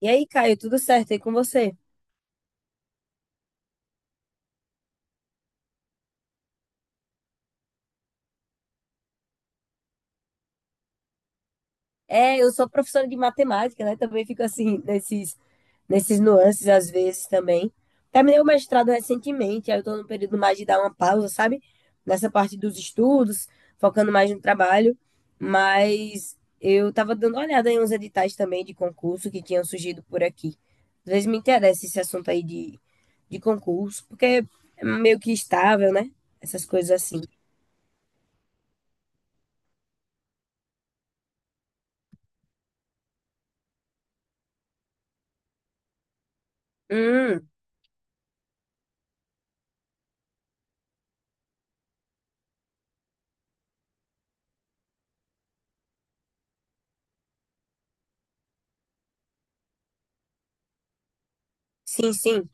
E aí, Caio, tudo certo aí com você? É, eu sou professora de matemática, né? Também fico assim, nesses nuances às vezes também. Terminei o mestrado recentemente, aí eu tô num período mais de dar uma pausa, sabe? Nessa parte dos estudos, focando mais no trabalho. Mas eu tava dando uma olhada em uns editais também de concurso que tinham surgido por aqui. Às vezes me interessa esse assunto aí de concurso, porque é meio que estável, né? Essas coisas assim. Hum, sim, sim.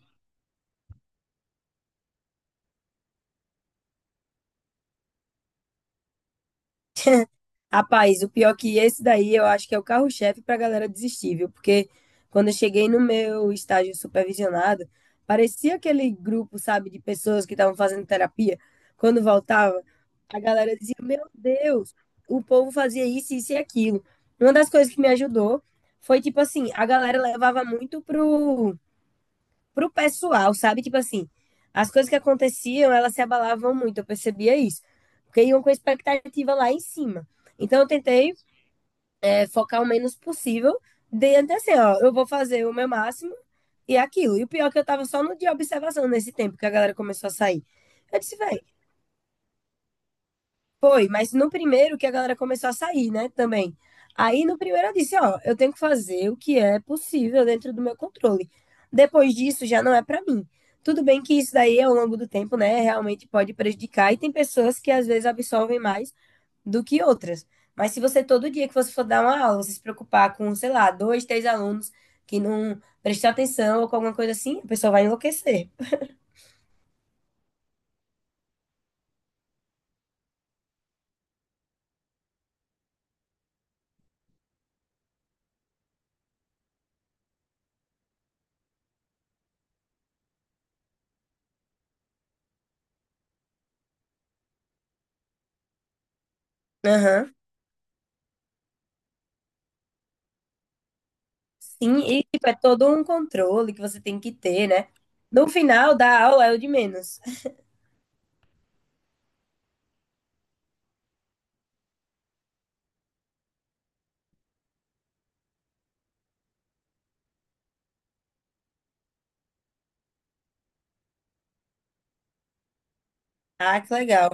Rapaz, o pior que esse daí eu acho que é o carro-chefe para a galera desistir, viu? Porque quando eu cheguei no meu estágio supervisionado, parecia aquele grupo, sabe, de pessoas que estavam fazendo terapia. Quando voltava, a galera dizia: Meu Deus, o povo fazia isso, isso e aquilo. Uma das coisas que me ajudou foi, tipo assim, a galera levava muito pro pessoal, sabe? Tipo assim, as coisas que aconteciam, elas se abalavam muito, eu percebia isso. Porque iam com expectativa lá em cima. Então, eu tentei focar o menos possível, dentro assim, ó, eu vou fazer o meu máximo e aquilo. E o pior é que eu tava só no de observação nesse tempo que a galera começou a sair. Eu disse, véi, foi, mas no primeiro que a galera começou a sair, né, também. Aí no primeiro eu disse, ó, eu tenho que fazer o que é possível dentro do meu controle. Depois disso já não é pra mim. Tudo bem que isso daí ao longo do tempo, né, realmente pode prejudicar e tem pessoas que às vezes absorvem mais do que outras. Mas se você todo dia que você for dar uma aula, você se preocupar com, sei lá, dois, três alunos que não prestam atenção ou com alguma coisa assim, a pessoa vai enlouquecer. Aham. Sim, e tipo, é todo um controle que você tem que ter, né? No final da aula é o de menos. Ah, que legal.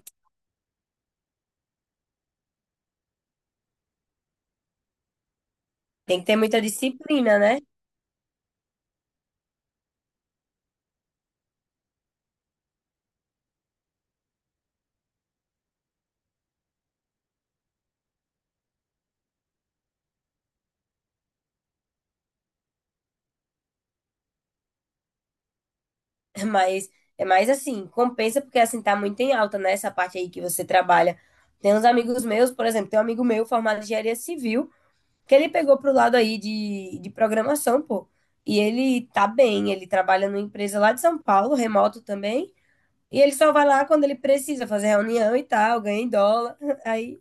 Tem que ter muita disciplina, né? Mas é mais assim, compensa porque assim tá muito em alta, né? Essa parte aí que você trabalha. Tem uns amigos meus, por exemplo, tem um amigo meu formado em engenharia civil, que ele pegou pro lado aí de programação, pô. E ele tá bem, ele trabalha numa empresa lá de São Paulo, remoto também. E ele só vai lá quando ele precisa fazer reunião e tal, ganha em dólar. Aí.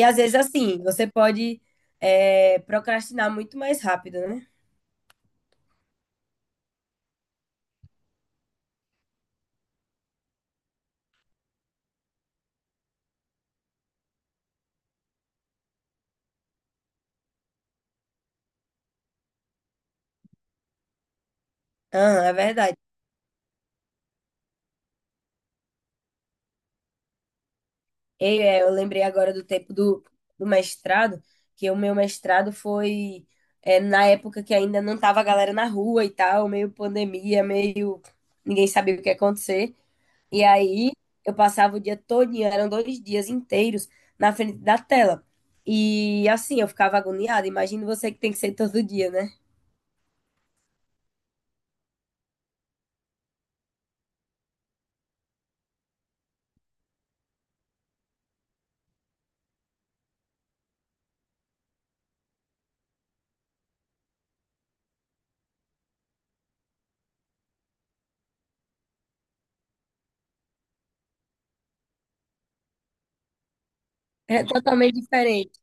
E às vezes, assim, você pode, procrastinar muito mais rápido, né? Ah, é verdade. Eu lembrei agora do tempo do mestrado, que o meu mestrado foi, na época que ainda não tava a galera na rua e tal, meio pandemia, meio ninguém sabia o que ia acontecer. E aí eu passava o dia todo, eram 2 dias inteiros na frente da tela. E assim, eu ficava agoniada. Imagina você que tem que ser todo dia, né? É totalmente diferente.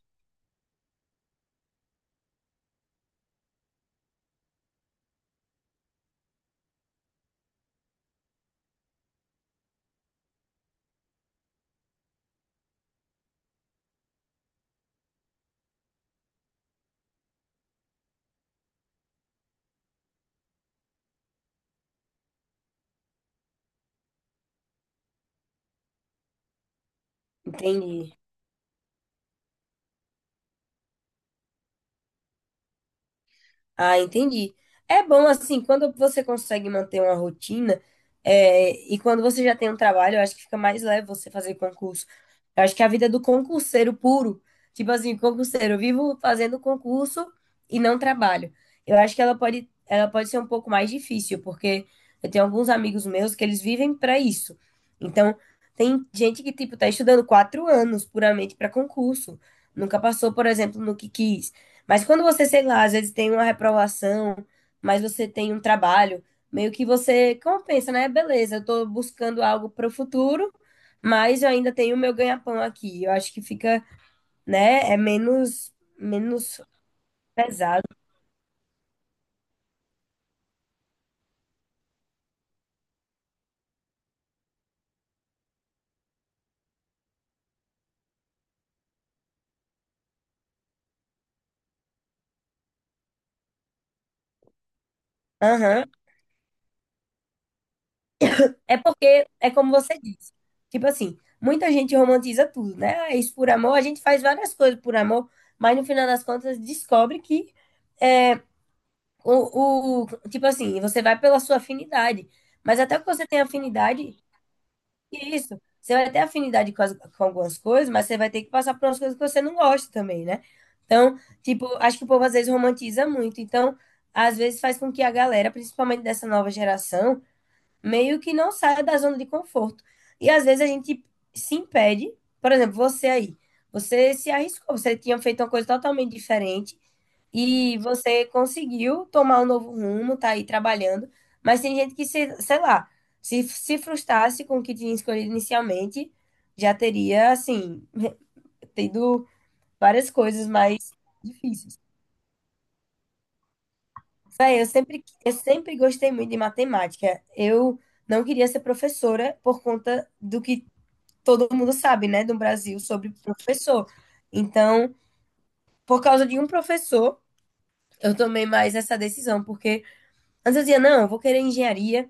Entendi. Ah, entendi. É bom assim, quando você consegue manter uma rotina, e quando você já tem um trabalho, eu acho que fica mais leve você fazer concurso. Eu acho que a vida é do concurseiro puro, tipo assim, concurseiro, eu vivo fazendo concurso e não trabalho. Eu acho que ela pode ser um pouco mais difícil, porque eu tenho alguns amigos meus que eles vivem para isso. Então, tem gente que, tipo, tá estudando 4 anos puramente para concurso. Nunca passou, por exemplo, no que quis. Mas quando você, sei lá, às vezes tem uma reprovação, mas você tem um trabalho, meio que você compensa, né? Beleza, eu tô buscando algo para o futuro, mas eu ainda tenho o meu ganha-pão aqui. Eu acho que fica, né? É menos pesado. Aham. É porque, é como você disse. Tipo assim, muita gente romantiza tudo, né? Ah, é isso por amor, a gente faz várias coisas por amor, mas no final das contas descobre que é, tipo assim, você vai pela sua afinidade. Mas até que você tenha afinidade, e isso. Você vai ter afinidade com algumas coisas, mas você vai ter que passar por umas coisas que você não gosta também, né? Então, tipo, acho que o povo às vezes romantiza muito. Então, às vezes faz com que a galera, principalmente dessa nova geração, meio que não saia da zona de conforto. E às vezes a gente se impede. Por exemplo, você aí. Você se arriscou, você tinha feito uma coisa totalmente diferente. E você conseguiu tomar um novo rumo, tá aí trabalhando, mas tem gente que, se, sei lá, se frustrasse com o que tinha escolhido inicialmente, já teria, assim, tido várias coisas mais difíceis. Véi, eu sempre gostei muito de matemática. Eu não queria ser professora por conta do que todo mundo sabe, né, do Brasil sobre professor. Então, por causa de um professor, eu tomei mais essa decisão, porque antes eu dizia, não, eu vou querer engenharia,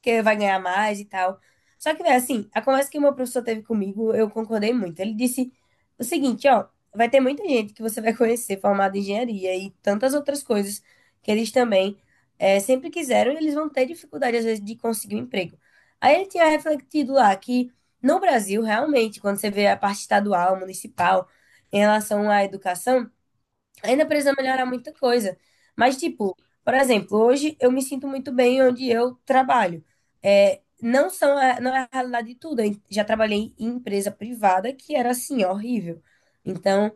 que vai ganhar mais e tal. Só que, velho, assim, a conversa que o meu professor teve comigo, eu concordei muito. Ele disse o seguinte, ó, vai ter muita gente que você vai conhecer formada em engenharia e tantas outras coisas que eles também sempre quiseram e eles vão ter dificuldade, às vezes, de conseguir um emprego. Aí ele tinha refletido lá que no Brasil, realmente, quando você vê a parte estadual, municipal, em relação à educação, ainda precisa melhorar muita coisa. Mas, tipo, por exemplo, hoje eu me sinto muito bem onde eu trabalho. É, não é a realidade de tudo. Eu já trabalhei em empresa privada que era assim, horrível. Então,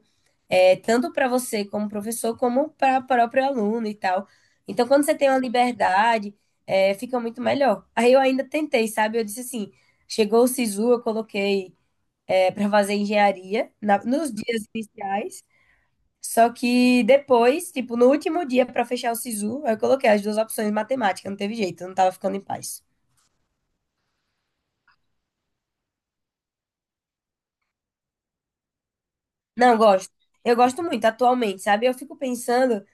tanto para você como professor, como para o próprio aluno e tal. Então, quando você tem uma liberdade, fica muito melhor. Aí eu ainda tentei, sabe? Eu disse assim, chegou o SISU, eu coloquei para fazer engenharia nos dias iniciais. Só que depois, tipo, no último dia pra fechar o SISU, eu coloquei as duas opções de matemática, não teve jeito, eu não tava ficando em paz. Não, eu gosto. Eu gosto muito atualmente, sabe? Eu fico pensando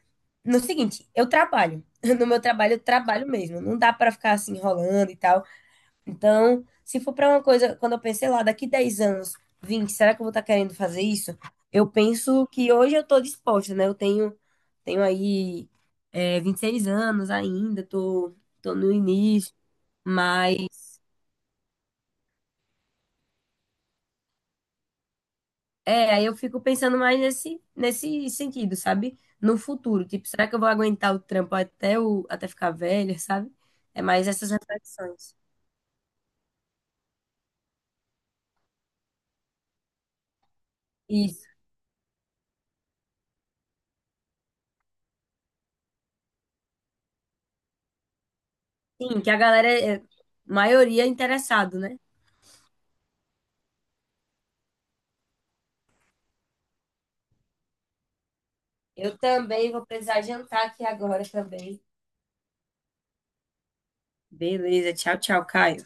no seguinte, eu trabalho. No meu trabalho, eu trabalho mesmo. Não dá pra ficar assim enrolando e tal. Então, se for para uma coisa, quando eu pensei lá, daqui 10 anos, 20, será que eu vou estar querendo fazer isso? Eu penso que hoje eu estou disposta, né? Eu tenho aí, 26 anos ainda, tô no início, mas é, aí eu fico pensando mais nesse sentido, sabe? No futuro, tipo, será que eu vou aguentar o trampo até, até ficar velha, sabe? É mais essas reflexões. Isso. Sim, que a galera, é, maioria é interessado, né? Eu também vou precisar jantar aqui agora também. Beleza, tchau, tchau, Caio.